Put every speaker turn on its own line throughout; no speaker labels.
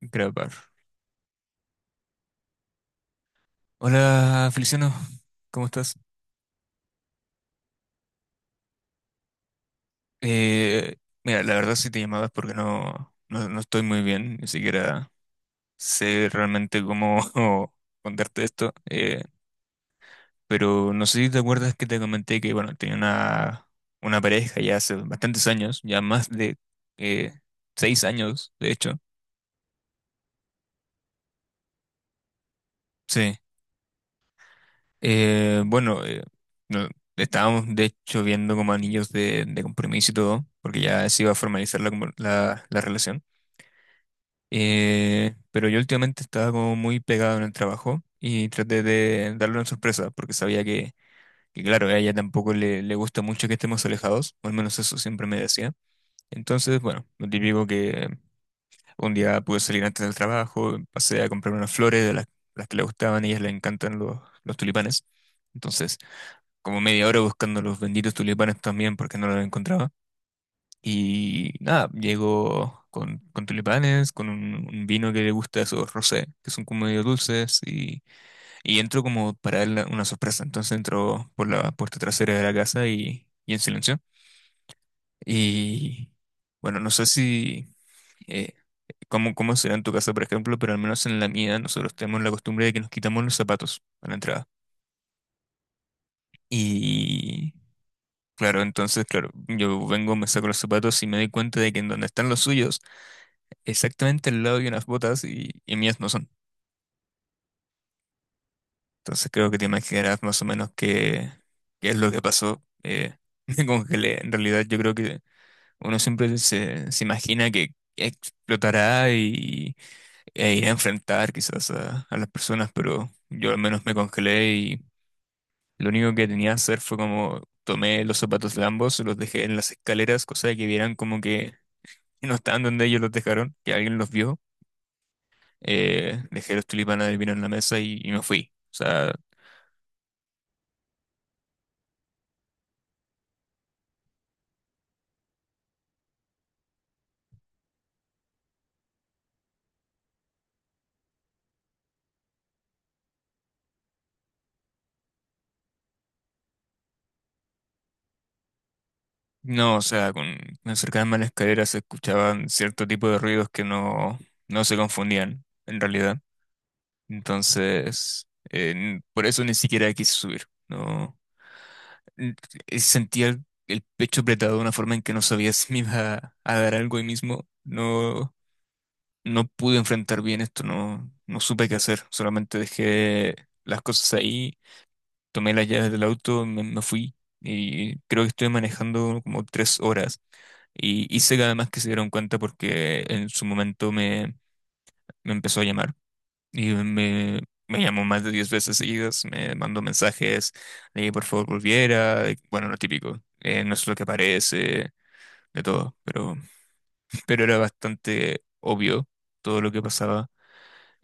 Grabar. Hola, Feliciano, ¿cómo estás? Eh, mira, la verdad sí te llamabas porque no estoy muy bien, ni siquiera sé realmente cómo contarte esto, pero no sé si te acuerdas que te comenté que, bueno, una pareja ya hace bastantes años, ya más de eh, seis años, de hecho. Sí. Eh, bueno, eh, no- Estábamos de hecho viendo como anillos de compromiso y todo, porque ya se iba a formalizar la, como- la la relación. Pero yo últimamente estaba como muy pegado en el trabajo y traté de darle una sorpresa porque sabía claro, a ella tampoco le gusta mucho que estemos alejados, o al menos eso siempre me decía. Entonces, bueno, lo típico que un día pude salir antes del trabajo, pasé a comprar unas flores de las que le gustaban, a ellas le encantan los tulipanes. Entonces, como media hora buscando los benditos tulipanes también porque no los encontraba. Y nada, llegó con tulipanes, con un vino que le gusta, esos rosé, que son como medio dulces, y entró como para él una sorpresa. Entonces entró por la puerta trasera de la casa y en silencio. Y bueno, no sé si, eh, cómo, cómo será en tu casa, por ejemplo, pero al menos en la mía nosotros tenemos la costumbre de que nos quitamos los zapatos a la entrada. Y claro, entonces, claro, yo vengo, me saco los zapatos y me doy cuenta de que en donde están los suyos, exactamente al lado de unas botas y mías no son. Entonces creo que te imaginarás más o menos qué es lo que pasó. Me congelé. En realidad yo creo que uno siempre se imagina que explotará y, e irá a enfrentar quizás a las personas, pero yo al menos me congelé y lo único que tenía que hacer fue como tomé los zapatos de ambos, los dejé en las escaleras, cosa de que vieran como que no estaban donde ellos los dejaron, que alguien los vio. Dejé los tulipanes del vino en la mesa y me fui. O sea, no, o sea, me acercarme a la escalera se escuchaban cierto tipo de ruidos que no se confundían, en realidad. Entonces, por eso ni siquiera quise subir. No, N- sentía el pecho apretado de una forma en que no sabía si me iba a dar algo ahí mismo. No, no pude enfrentar bien esto, no, no supe qué hacer. Solamente dejé las cosas ahí, tomé las llaves del auto, me fui y creo que estuve manejando como 3 horas. Y hice que además que se dieron cuenta porque en su momento me empezó a llamar y me llamó más de 10 veces seguidas, me mandó mensajes de que por favor volviera, de- bueno, lo típico, no es lo que parece, de todo, pero, pero era bastante obvio todo lo que pasaba.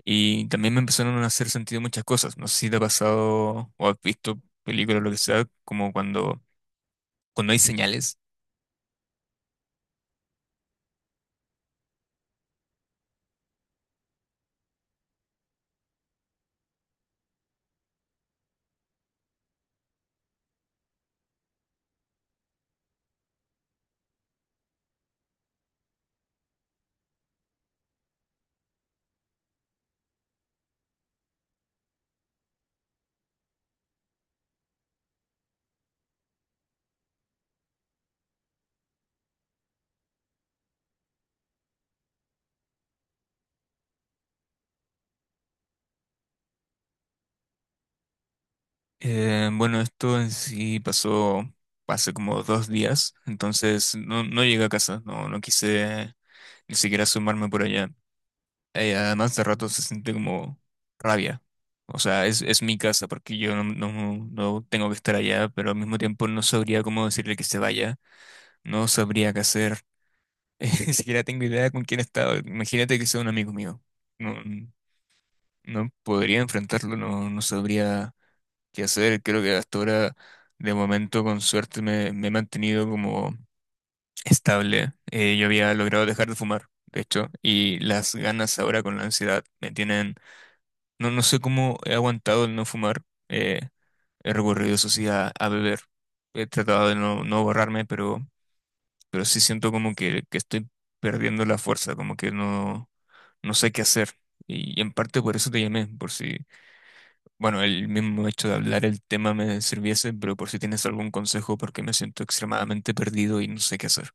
Y también me empezaron a hacer sentido muchas cosas. No sé si te ha pasado o has visto películas o lo que sea, como cuando hay señales. Bueno, esto en sí pasó hace como 2 días, entonces no, no llegué a casa, no, no quise ni siquiera asomarme por allá. Además de rato se siente como rabia. O sea, es mi casa porque yo no tengo que estar allá, pero al mismo tiempo no sabría cómo decirle que se vaya, no sabría qué hacer, ni siquiera tengo idea con quién estaba. Imagínate que sea un amigo mío. No, no podría enfrentarlo, no, no sabría que hacer. Creo que hasta ahora, de momento, con suerte, me he mantenido como estable. Yo había logrado dejar de fumar, de hecho, y las ganas ahora con la ansiedad me tienen... No, no sé cómo he aguantado el no fumar. eh, he recurrido, eso sí, a beber. He tratado de no, no borrarme, pero sí siento como que estoy perdiendo la fuerza, como que no, no sé qué hacer. Y en parte por eso te llamé, por si... Bueno, el mismo hecho de hablar el tema me sirviese, pero por si tienes algún consejo, porque me siento extremadamente perdido y no sé qué hacer.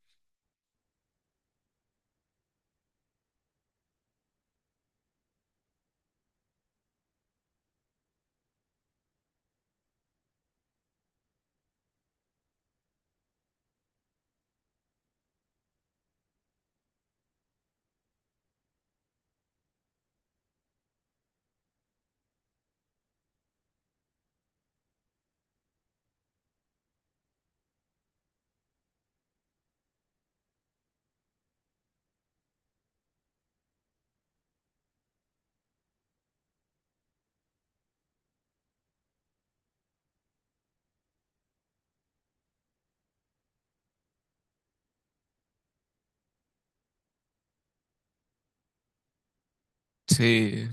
Sí,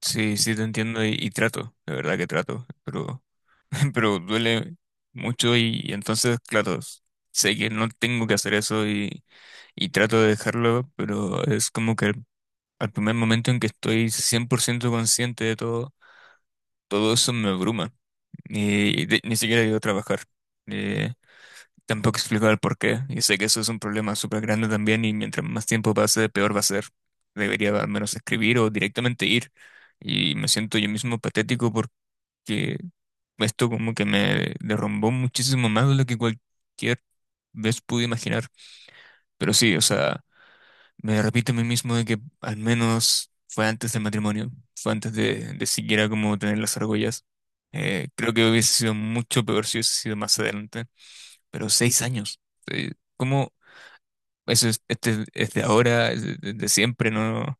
sí, sí te entiendo y trato, de verdad que trato, pero, pero duele mucho y entonces, claro, sé que no tengo que hacer eso y trato de dejarlo, pero es como que al primer momento en que estoy 100% consciente de todo, todo eso me abruma. Y de- ni siquiera llego a trabajar. Eh, Tampoco explico el por qué, y sé que eso es un problema súper grande también, y mientras más tiempo pase, peor va a ser. Debería al menos escribir o directamente ir, y me siento yo mismo patético porque esto como que me derrumbó muchísimo más de lo que cualquier vez pude imaginar. Pero sí, o sea, me repito a mí mismo de que al menos fue antes del matrimonio, fue antes de siquiera como tener las argollas. Creo que hubiese sido mucho peor si hubiese sido más adelante, pero 6 años. eh, ¿Cómo? Eso es, este, es de ahora, es de siempre, ¿no?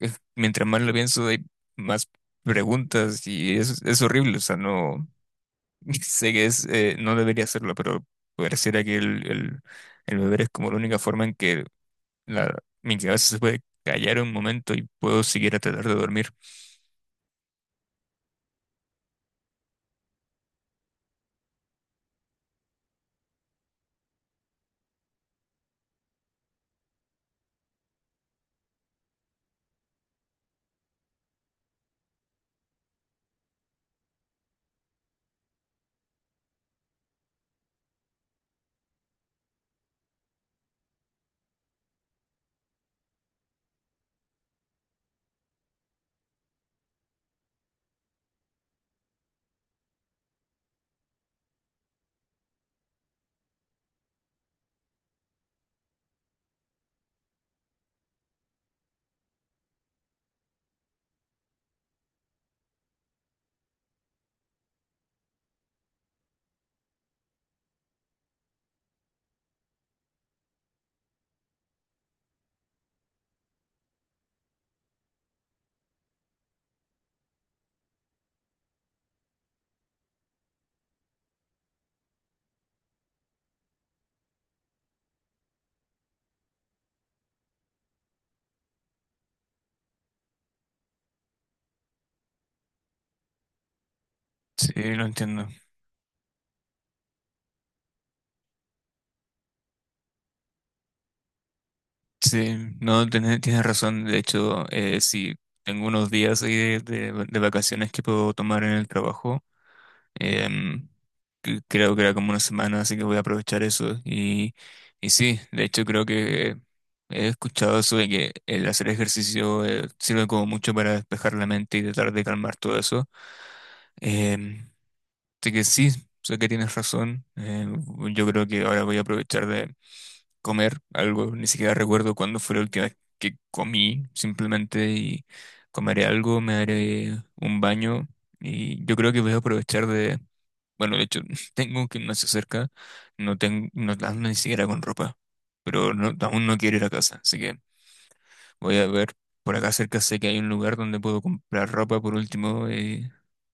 Es- mientras más lo pienso, hay más preguntas y es horrible. O sea, no sé que es, no debería hacerlo, pero pareciera que el beber es como la única forma en que la, mi cabeza se puede callar un momento y puedo seguir a tratar de dormir. Sí, lo entiendo. Sí, no, tienes, tienes razón. De hecho, sí, tengo unos días ahí de vacaciones que puedo tomar en el trabajo. Em, creo que era como una semana, así que voy a aprovechar eso. Y sí, de hecho creo que he escuchado eso de que el hacer ejercicio sirve como mucho para despejar la mente y tratar de calmar todo eso. Em, así que sí, sé que tienes razón. Yo creo que ahora voy a aprovechar de comer algo. Ni siquiera recuerdo cuándo fue la última vez que comí, simplemente y comeré algo, me daré un baño. Y yo creo que voy a aprovechar, bueno, de hecho, tengo que no se acerca, no tengo, no ando ni siquiera con ropa, pero no- aún no quiero ir a casa, así que voy a ver, por acá cerca sé que hay un lugar donde puedo comprar ropa por último,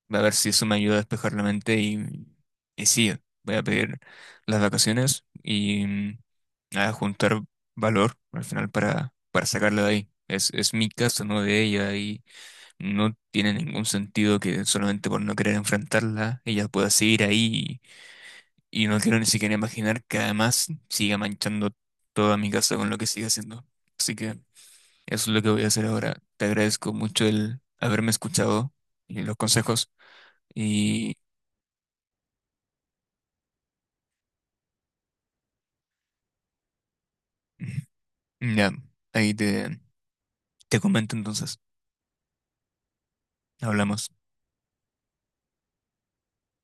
a ver si eso me ayuda a despejar la mente y sí, voy a pedir las vacaciones y mm, a juntar valor al final para sacarla de ahí. Es mi casa, no de ella, y no tiene ningún sentido que solamente por no querer enfrentarla, ella pueda seguir ahí y no quiero ni siquiera imaginar que además siga manchando toda mi casa con lo que siga haciendo. Así que eso es lo que voy a hacer ahora. Te agradezco mucho el haberme escuchado y los consejos. Y mm, ya, ahí te comento entonces. Hablamos.